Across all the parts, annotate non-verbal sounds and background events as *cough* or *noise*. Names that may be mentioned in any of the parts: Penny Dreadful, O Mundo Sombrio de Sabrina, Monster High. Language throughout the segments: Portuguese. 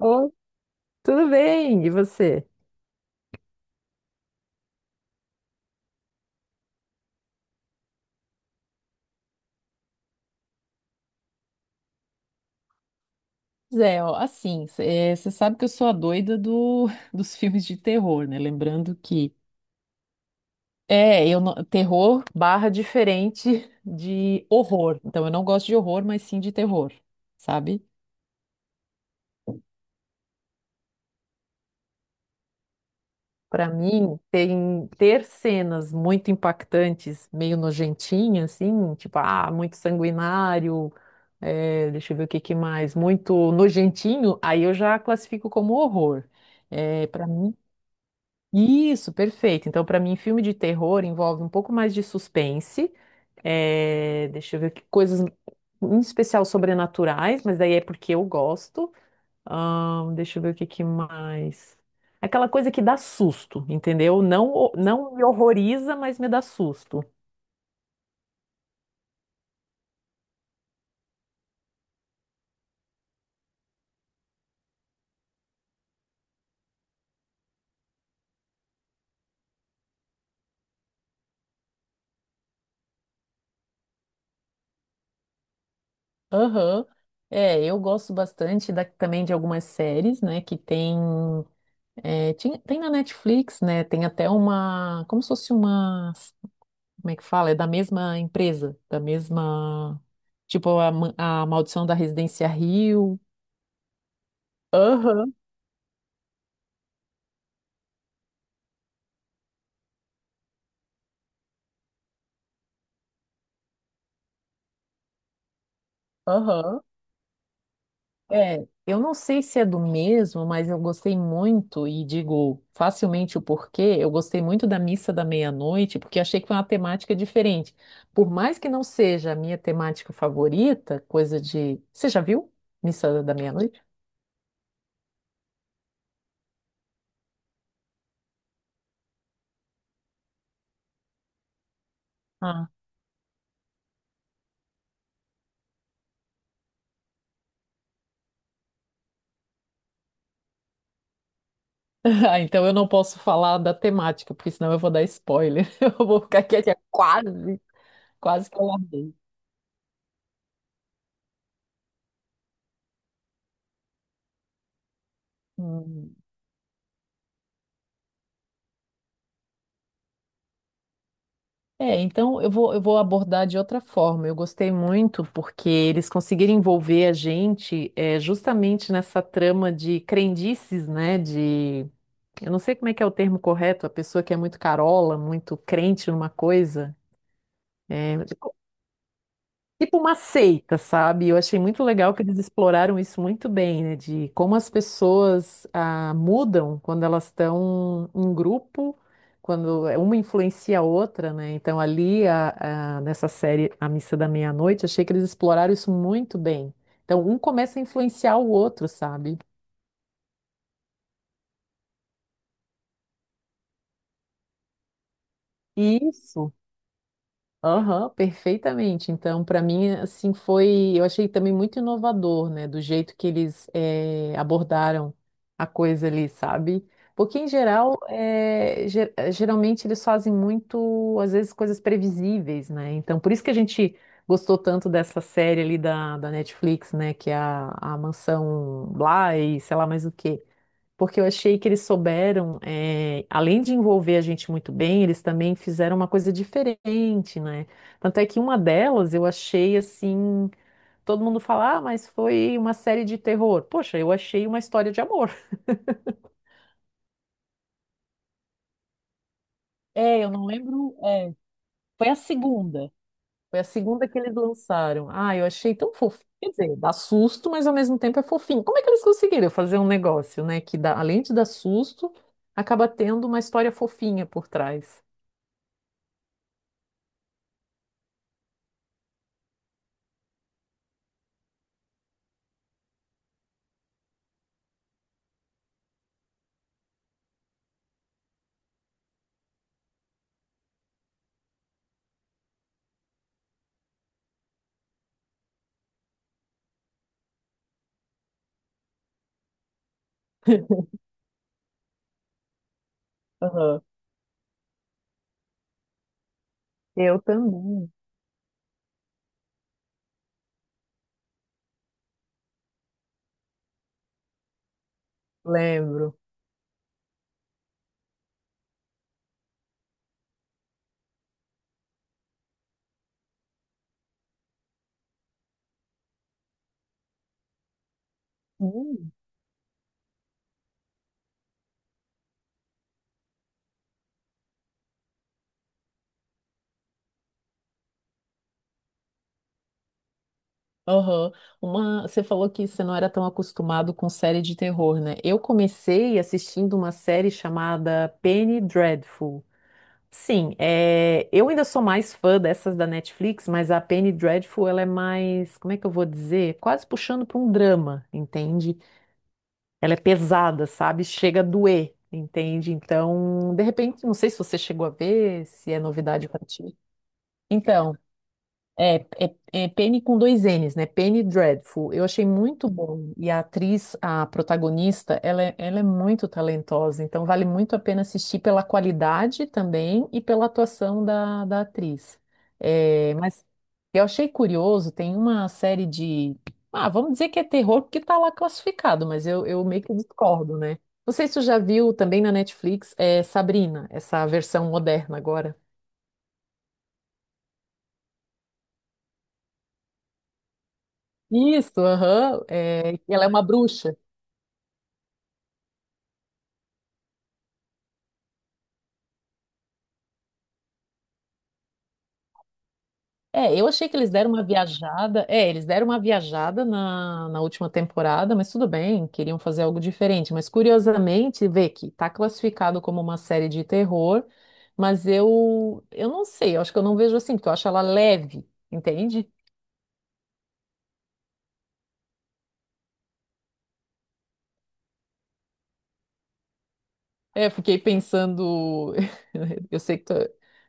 Oh, tudo bem, e você? Zé, ó, assim, você sabe que eu sou a doida *laughs* dos filmes de terror, né? Lembrando que eu não- terror barra diferente de horror. Então eu não gosto de horror, mas sim de terror, sabe? Pra mim, tem ter cenas muito impactantes, meio nojentinhas, assim, tipo, ah, muito sanguinário, deixa eu ver o que que mais, muito nojentinho, aí eu já classifico como horror. É, para mim. Isso, perfeito. Então, para mim, filme de terror envolve um pouco mais de suspense. Deixa eu ver que coisas, em especial sobrenaturais, mas daí é porque eu gosto. Deixa eu ver o que que mais. Aquela coisa que dá susto, entendeu? Não, não me horroriza, mas me dá susto. Aham. É, eu gosto bastante da- também de algumas séries, né, que tem, tinha- tem na Netflix, né, tem até uma, como se fosse uma, como é que fala? É da mesma empresa, da mesma, tipo a, ma- a Maldição da Residência Rio. Aham, aham. É, eu não sei se é do mesmo, mas eu gostei muito e digo facilmente o porquê. Eu gostei muito da Missa da Meia-Noite, porque achei que foi uma temática diferente. Por mais que não seja a minha temática favorita, coisa de. Você já viu Missa da Meia-Noite? Ah. *laughs* Ah, então eu não posso falar da temática, porque senão eu vou dar spoiler. *laughs* Eu vou ficar quieta quase. Quase que eu larguei. Hum. É, então eu vou abordar de outra forma. Eu gostei muito porque eles conseguiram envolver a gente justamente nessa trama de crendices, né? De, eu não sei como é que é o termo correto, a pessoa que é muito carola, muito crente numa coisa. É, tipo uma seita, sabe? Eu achei muito legal que eles exploraram isso muito bem, né? De como as pessoas mudam quando elas estão em grupo, quando uma influencia a outra, né? Então, ali, nessa série A Missa da Meia-Noite, achei que eles exploraram isso muito bem. Então, um começa a influenciar o outro, sabe? Isso. Aham, perfeitamente. Então, para mim, assim, foi. Eu achei também muito inovador, né? Do jeito que eles abordaram a coisa ali, sabe? Porque, em geral, geralmente eles fazem muito, às vezes, coisas previsíveis, né? Então, por isso que a gente gostou tanto dessa série ali da Netflix, né? Que é a Mansão Bly, sei lá mais o quê, porque eu achei que eles souberam, além de envolver a gente muito bem, eles também fizeram uma coisa diferente, né? Tanto é que uma delas eu achei assim, todo mundo fala, ah, mas foi uma série de terror. Poxa, eu achei uma história de amor. *laughs* É, eu não lembro. É, foi a segunda. Foi a segunda que eles lançaram. Ah, eu achei tão fofinho. Quer dizer, dá susto, mas ao mesmo tempo é fofinho. Como é que eles conseguiram fazer um negócio, né, que dá, além de dar susto, acaba tendo uma história fofinha por trás? *laughs* Eu também lembro. Hum, aham. Uma, você falou que você não era tão acostumado com série de terror, né? Eu comecei assistindo uma série chamada Penny Dreadful. Sim, é, eu ainda sou mais fã dessas da Netflix, mas a Penny Dreadful, ela é mais, como é que eu vou dizer? Quase puxando para um drama, entende? Ela é pesada, sabe? Chega a doer, entende? Então, de repente, não sei se você chegou a ver, se é novidade para ti. Então, é Penny com dois N's, né? Penny Dreadful. Eu achei muito bom. E a atriz, a protagonista, ela é muito talentosa. Então, vale muito a pena assistir pela qualidade também e pela atuação da atriz. É, mas eu achei curioso, tem uma série de. Ah, vamos dizer que é terror porque está lá classificado, mas eu meio que discordo, né? Não sei se você já viu também na Netflix, é Sabrina, essa versão moderna agora. Isso, aham. É, ela é uma bruxa. É, eu achei que eles deram uma viajada. É, eles deram uma viajada na última temporada, mas tudo bem, queriam fazer algo diferente. Mas curiosamente, vê que tá classificado como uma série de terror, mas eu não sei, eu acho que eu não vejo assim, porque eu acho ela leve, entende? É, eu fiquei pensando. *laughs* Eu sei que. Tu-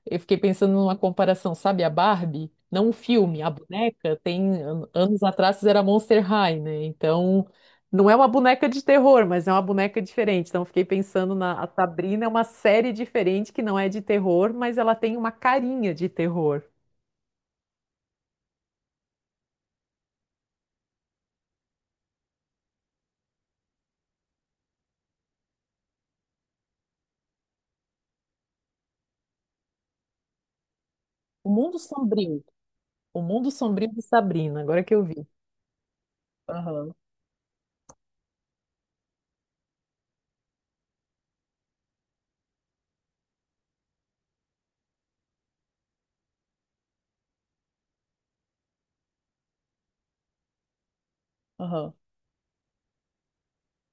Eu fiquei pensando numa comparação, sabe? A Barbie, não o filme, a boneca tem. An- Anos atrás era Monster High, né? Então, não é uma boneca de terror, mas é uma boneca diferente. Então, eu fiquei pensando na. A Sabrina é uma série diferente que não é de terror, mas ela tem uma carinha de terror. O Mundo Sombrio. O Mundo Sombrio de Sabrina, agora que eu vi. Aham, aham.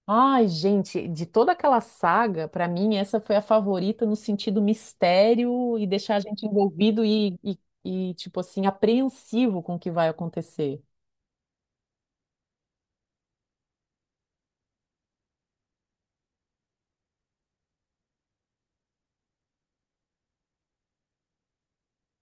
Ai, gente, de toda aquela saga, pra mim, essa foi a favorita no sentido mistério e deixar a gente envolvido e, tipo assim, apreensivo com o que vai acontecer.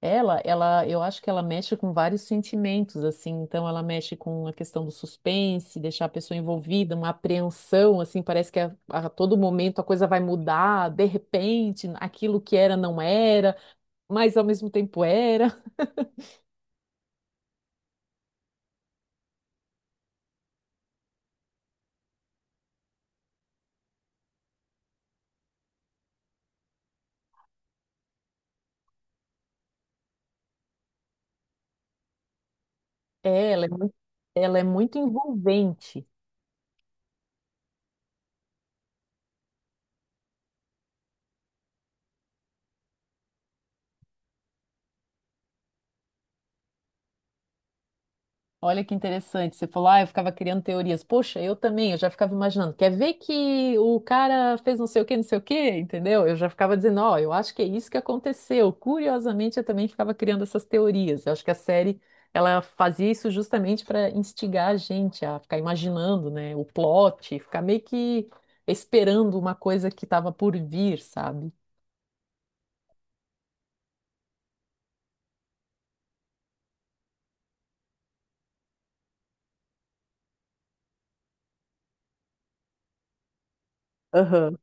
Eu acho que ela mexe com vários sentimentos, assim, então ela mexe com a questão do suspense, deixar a pessoa envolvida, uma apreensão, assim, parece que a todo momento a coisa vai mudar, de repente, aquilo que era não era, mas ao mesmo tempo era. É, ela é muito envolvente. Olha que interessante. Você falou, ah, eu ficava criando teorias. Poxa, eu também, eu já ficava imaginando. Quer ver que o cara fez não sei o quê, não sei o quê, entendeu? Eu já ficava dizendo, ó, eu acho que é isso que aconteceu. Curiosamente, eu também ficava criando essas teorias. Eu acho que a série, ela fazia isso justamente para instigar a gente a ficar imaginando, né, o plot, ficar meio que esperando uma coisa que estava por vir, sabe? Aham.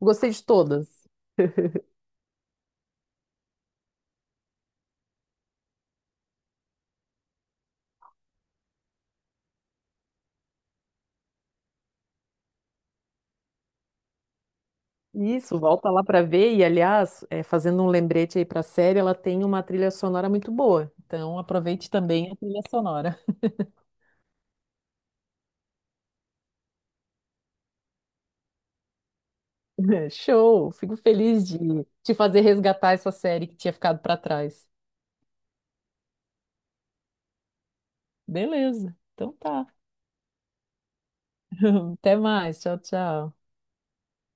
Gostei de todas. *laughs* Isso, volta lá para ver. E, aliás, é, fazendo um lembrete aí para a série, ela tem uma trilha sonora muito boa. Então, aproveite também a trilha sonora. *laughs* Show! Fico feliz de te fazer resgatar essa série que tinha ficado para trás. Beleza, então tá. *laughs* Até mais. Tchau, tchau.